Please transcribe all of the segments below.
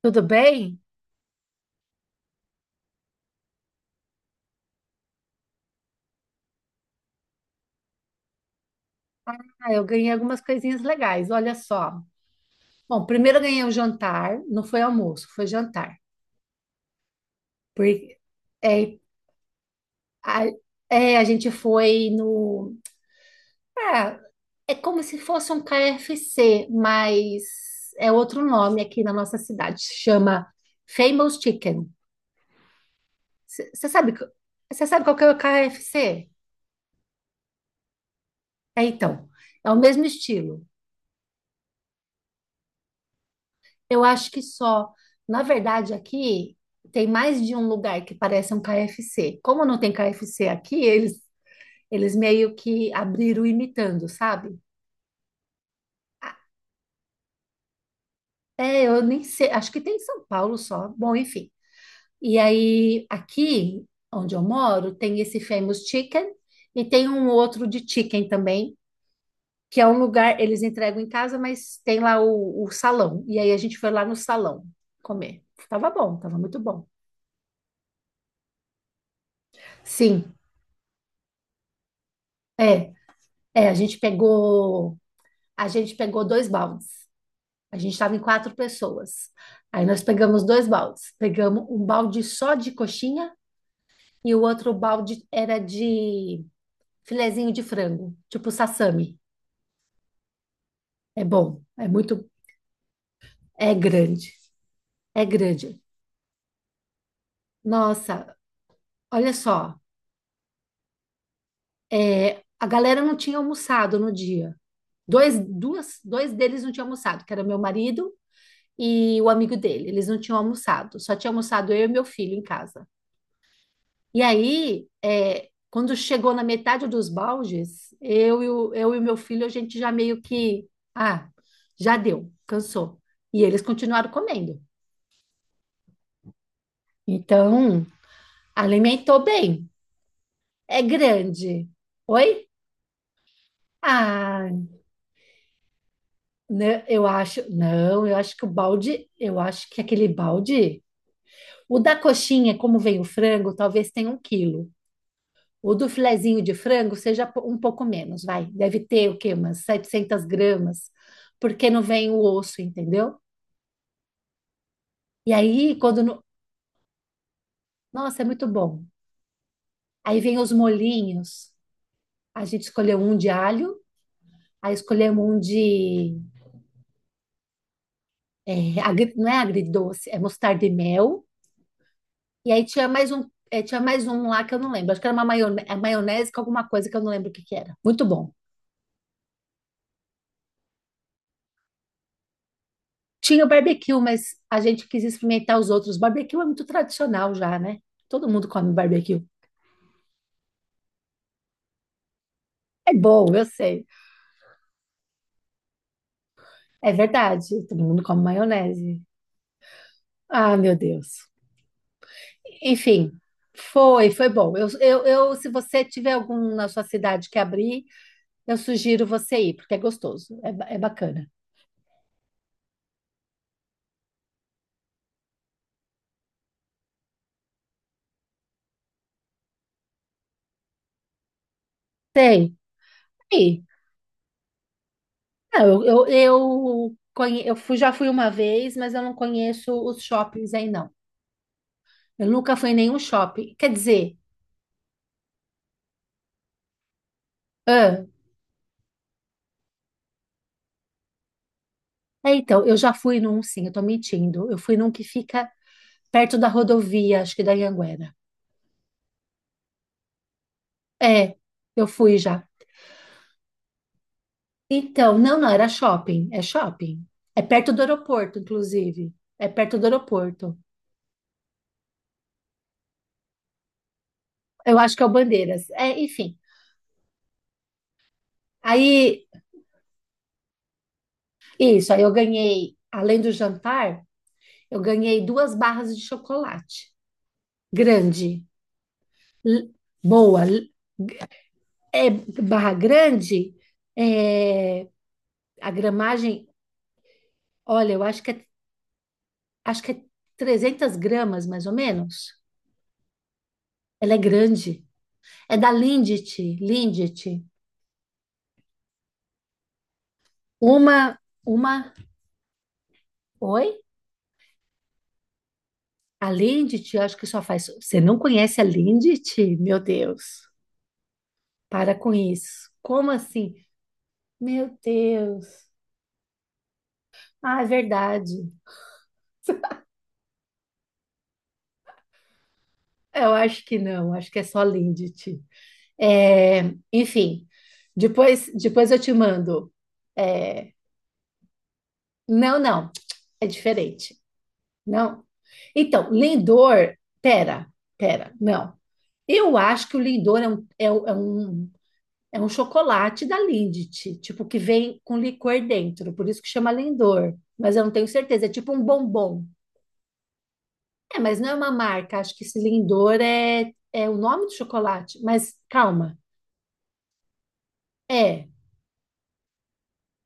Tudo bem? Ah, eu ganhei algumas coisinhas legais, olha só. Bom, primeiro eu ganhei o jantar, não foi almoço, foi jantar. Porque é, a, a gente foi no. Ah, é como se fosse um KFC, mas é outro nome aqui na nossa cidade. Chama Famous Chicken. Você sabe, você sabe qual que é o KFC? É, então, é o mesmo estilo. Eu acho que só. Na verdade, aqui tem mais de um lugar que parece um KFC. Como não tem KFC aqui, eles meio que abriram imitando, sabe? Ah, é, eu nem sei. Acho que tem em São Paulo só. Bom, enfim. E aí, aqui onde eu moro, tem esse Famous Chicken e tem um outro de chicken também, que é um lugar, eles entregam em casa, mas tem lá o salão. E aí a gente foi lá no salão comer. Tava bom, tava muito bom. Sim, é. É, a gente pegou 2 baldes. A gente estava em 4 pessoas. Aí nós pegamos 2 baldes. Pegamos um balde só de coxinha e o outro balde era de filezinho de frango, tipo sassami. É bom, é grande, é grande. Nossa, olha só, a galera não tinha almoçado no dia. Dois deles não tinham almoçado, que era meu marido e o amigo dele. Eles não tinham almoçado, só tinha almoçado eu e meu filho em casa. E aí, quando chegou na metade dos baldes, eu e o meu filho, a gente já meio que, ah, já deu, cansou. E eles continuaram comendo. Então, alimentou bem. É grande. Oi? Ah, né, eu acho, não, eu acho que o balde, eu acho que aquele balde, o da coxinha, como vem o frango, talvez tenha 1 quilo. O do filezinho de frango seja um pouco menos, vai. Deve ter o quê? Umas 700 gramas, porque não vem o osso, entendeu? E aí, quando. Não- Nossa, é muito bom. Aí vem os molhinhos. A gente escolheu um de alho, aí escolhemos um de. Não é agridoce, é mostarda e mel. E aí tinha mais um, tinha mais um lá que eu não lembro. Acho que era uma maionese, com alguma coisa que eu não lembro o que que era. Muito bom. Tinha o barbecue, mas a gente quis experimentar os outros. Barbecue é muito tradicional já, né? Todo mundo come barbecue. É bom, eu sei. É verdade. Todo mundo come maionese. Ah, meu Deus. Enfim, foi bom. Se você tiver algum na sua cidade que abrir, eu sugiro você ir, porque é gostoso, é bacana. Tem, tem. Não, eu fui, já fui uma vez, mas eu não conheço os shoppings aí, não. Eu nunca fui em nenhum shopping. Quer dizer, é, então, eu já fui num, sim, eu tô mentindo. Eu fui num que fica perto da rodovia, acho que da Anhanguera. É, eu fui já. Então, não, não, era shopping. É perto do aeroporto, inclusive. É perto do aeroporto. Eu acho que é o Bandeiras. É, enfim. Aí, isso, aí eu ganhei, além do jantar, eu ganhei duas barras de chocolate. Grande, l- boa. É, barra grande, é, a gramagem, olha, eu acho que é 300 gramas, mais ou menos. Ela é grande. É da Lindt, Lindt. Uma, uma, oi? A Lindt, eu acho que só faz. Você não conhece a Lindt? Meu Deus. Para com isso. Como assim? Meu Deus. Ah, é verdade. Eu acho que não, acho que é só Lindt. É, enfim, depois eu te mando. É, não, não, é diferente. Não. Então, Lindor, pera, pera, não. Eu acho que o Lindor é um, é um chocolate da Lindt, tipo, que vem com licor dentro, por isso que chama Lindor, mas eu não tenho certeza, é tipo um bombom. É, mas não é uma marca, acho que esse Lindor é o nome do chocolate, mas calma, é,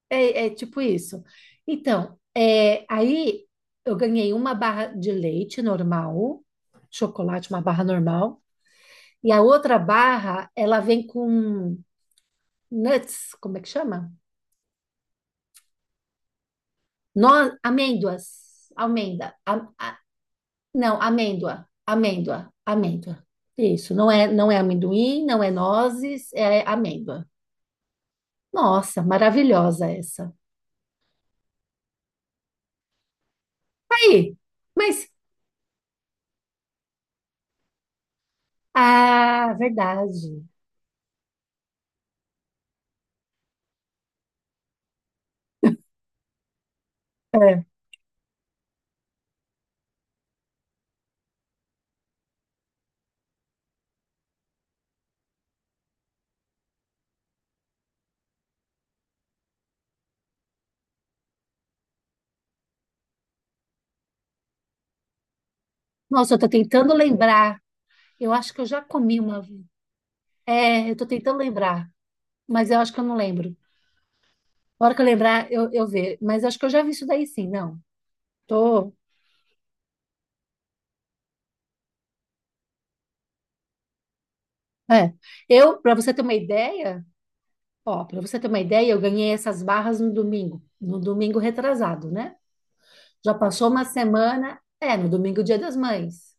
é tipo isso. Então, aí eu ganhei uma barra de leite normal, chocolate, uma barra normal, e a outra barra, ela vem com nuts, como é que chama? No, amêndoas, amêndoa, não, amêndoa, amêndoa, amêndoa. Isso, não é amendoim, não é nozes, é amêndoa. Nossa, maravilhosa essa. Aí, mas, ah, verdade. É. Nossa, eu tô tentando lembrar. Eu acho que eu já comi uma vez. É, eu tô tentando lembrar, mas eu acho que eu não lembro. A hora que eu lembrar, eu ver. Mas eu acho que eu já vi isso daí sim, não. Tô. É. Eu, para você ter uma ideia, ó, para você ter uma ideia, eu ganhei essas barras no domingo, no domingo retrasado, né? Já passou uma semana, é, no domingo, Dia das Mães.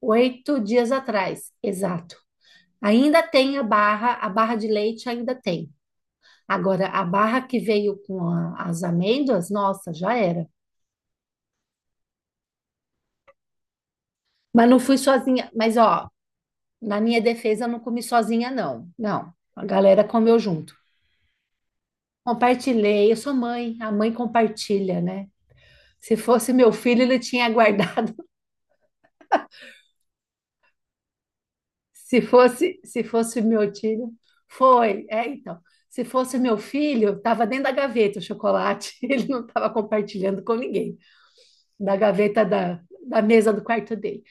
8 dias atrás, exato. Ainda tem a barra, de leite ainda tem. Agora, a barra que veio com as amêndoas, nossa, já era. Mas não fui sozinha. Mas, ó, na minha defesa, eu não comi sozinha, não. Não. A galera comeu junto. Compartilhei, eu sou mãe, a mãe compartilha, né? Se fosse meu filho, ele tinha guardado. Se fosse meu filho, foi, é, então. Se fosse meu filho, estava dentro da gaveta o chocolate, ele não estava compartilhando com ninguém, da gaveta da mesa do quarto dele.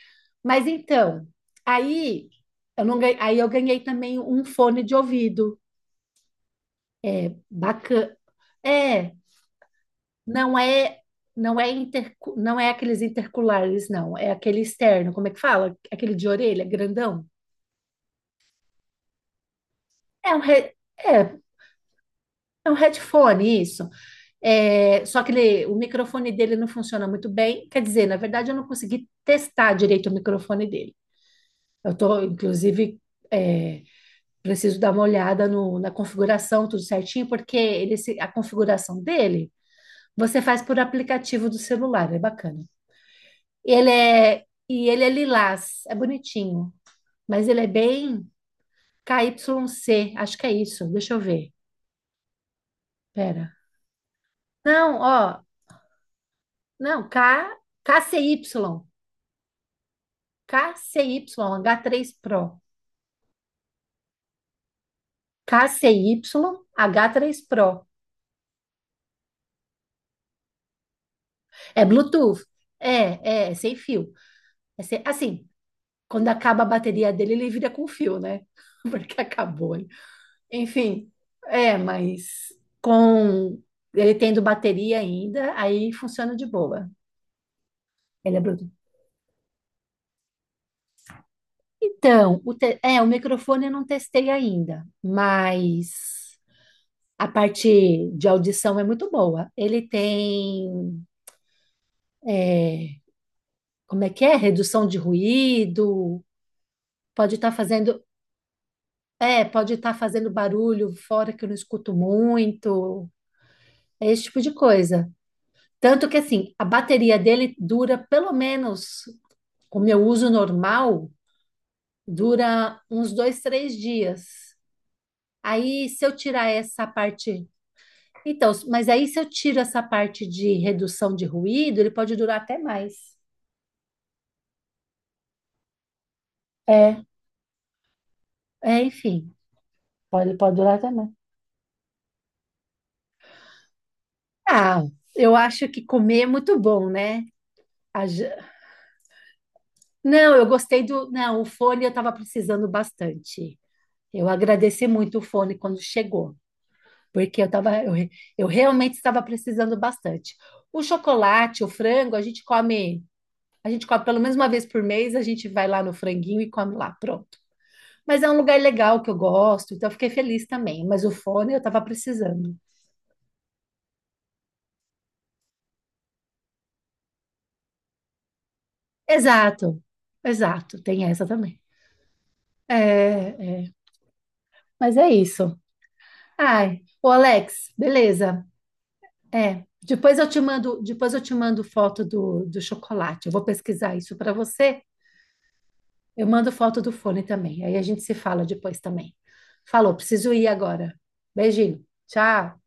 Mas então, aí eu não ganhei, aí eu ganhei também um fone de ouvido, bacana. É, Não é, não é aqueles interculares, não. É aquele externo, como é que fala? Aquele de orelha, grandão. É um, he- é, é um headphone, isso. É, só que o microfone dele não funciona muito bem. Quer dizer, na verdade, eu não consegui testar direito o microfone dele. Eu tô, inclusive, é, preciso dar uma olhada na configuração, tudo certinho, porque ele, se- a configuração dele você faz por aplicativo do celular, é bacana. E ele é lilás, é bonitinho, mas ele é bem K KYC, acho que é isso. Deixa eu ver. Pera. Não, ó, não, KCY, KCY, H3 Pro. KCY h três Pro. É Bluetooth. É sem fio. Assim, quando acaba a bateria dele, ele vira com fio, né? Porque acabou. Enfim, mas com ele tendo bateria ainda, aí funciona de boa. Ele é Bluetooth. Então, o microfone eu não testei ainda, mas a parte de audição é muito boa. Ele tem, é, como é que é? Redução de ruído, pode estar fazendo, pode estar fazendo barulho fora que eu não escuto muito, é esse tipo de coisa. Tanto que assim, a bateria dele dura pelo menos o meu uso normal, dura uns 2, 3 dias. Aí, se eu tirar essa parte. Então, mas aí, se eu tiro essa parte de redução de ruído, ele pode durar até mais. É, enfim. Pode durar até também. Ah, eu acho que comer é muito bom, né? A ge- Não, eu gostei do. Não, o fone eu estava precisando bastante. Eu agradeci muito o fone quando chegou. Porque eu tava, eu, re- eu realmente estava precisando bastante. O chocolate, o frango, a gente come pelo menos 1 vez por mês, a gente vai lá no franguinho e come lá, pronto. Mas é um lugar legal que eu gosto, então eu fiquei feliz também. Mas o fone eu estava precisando. Exato, exato, tem essa também. É, é. Mas é isso. Ai, o Alex, beleza. É, depois eu te mando foto do chocolate. Eu vou pesquisar isso para você. Eu mando foto do fone também. Aí a gente se fala depois também. Falou, preciso ir agora. Beijinho. Tchau.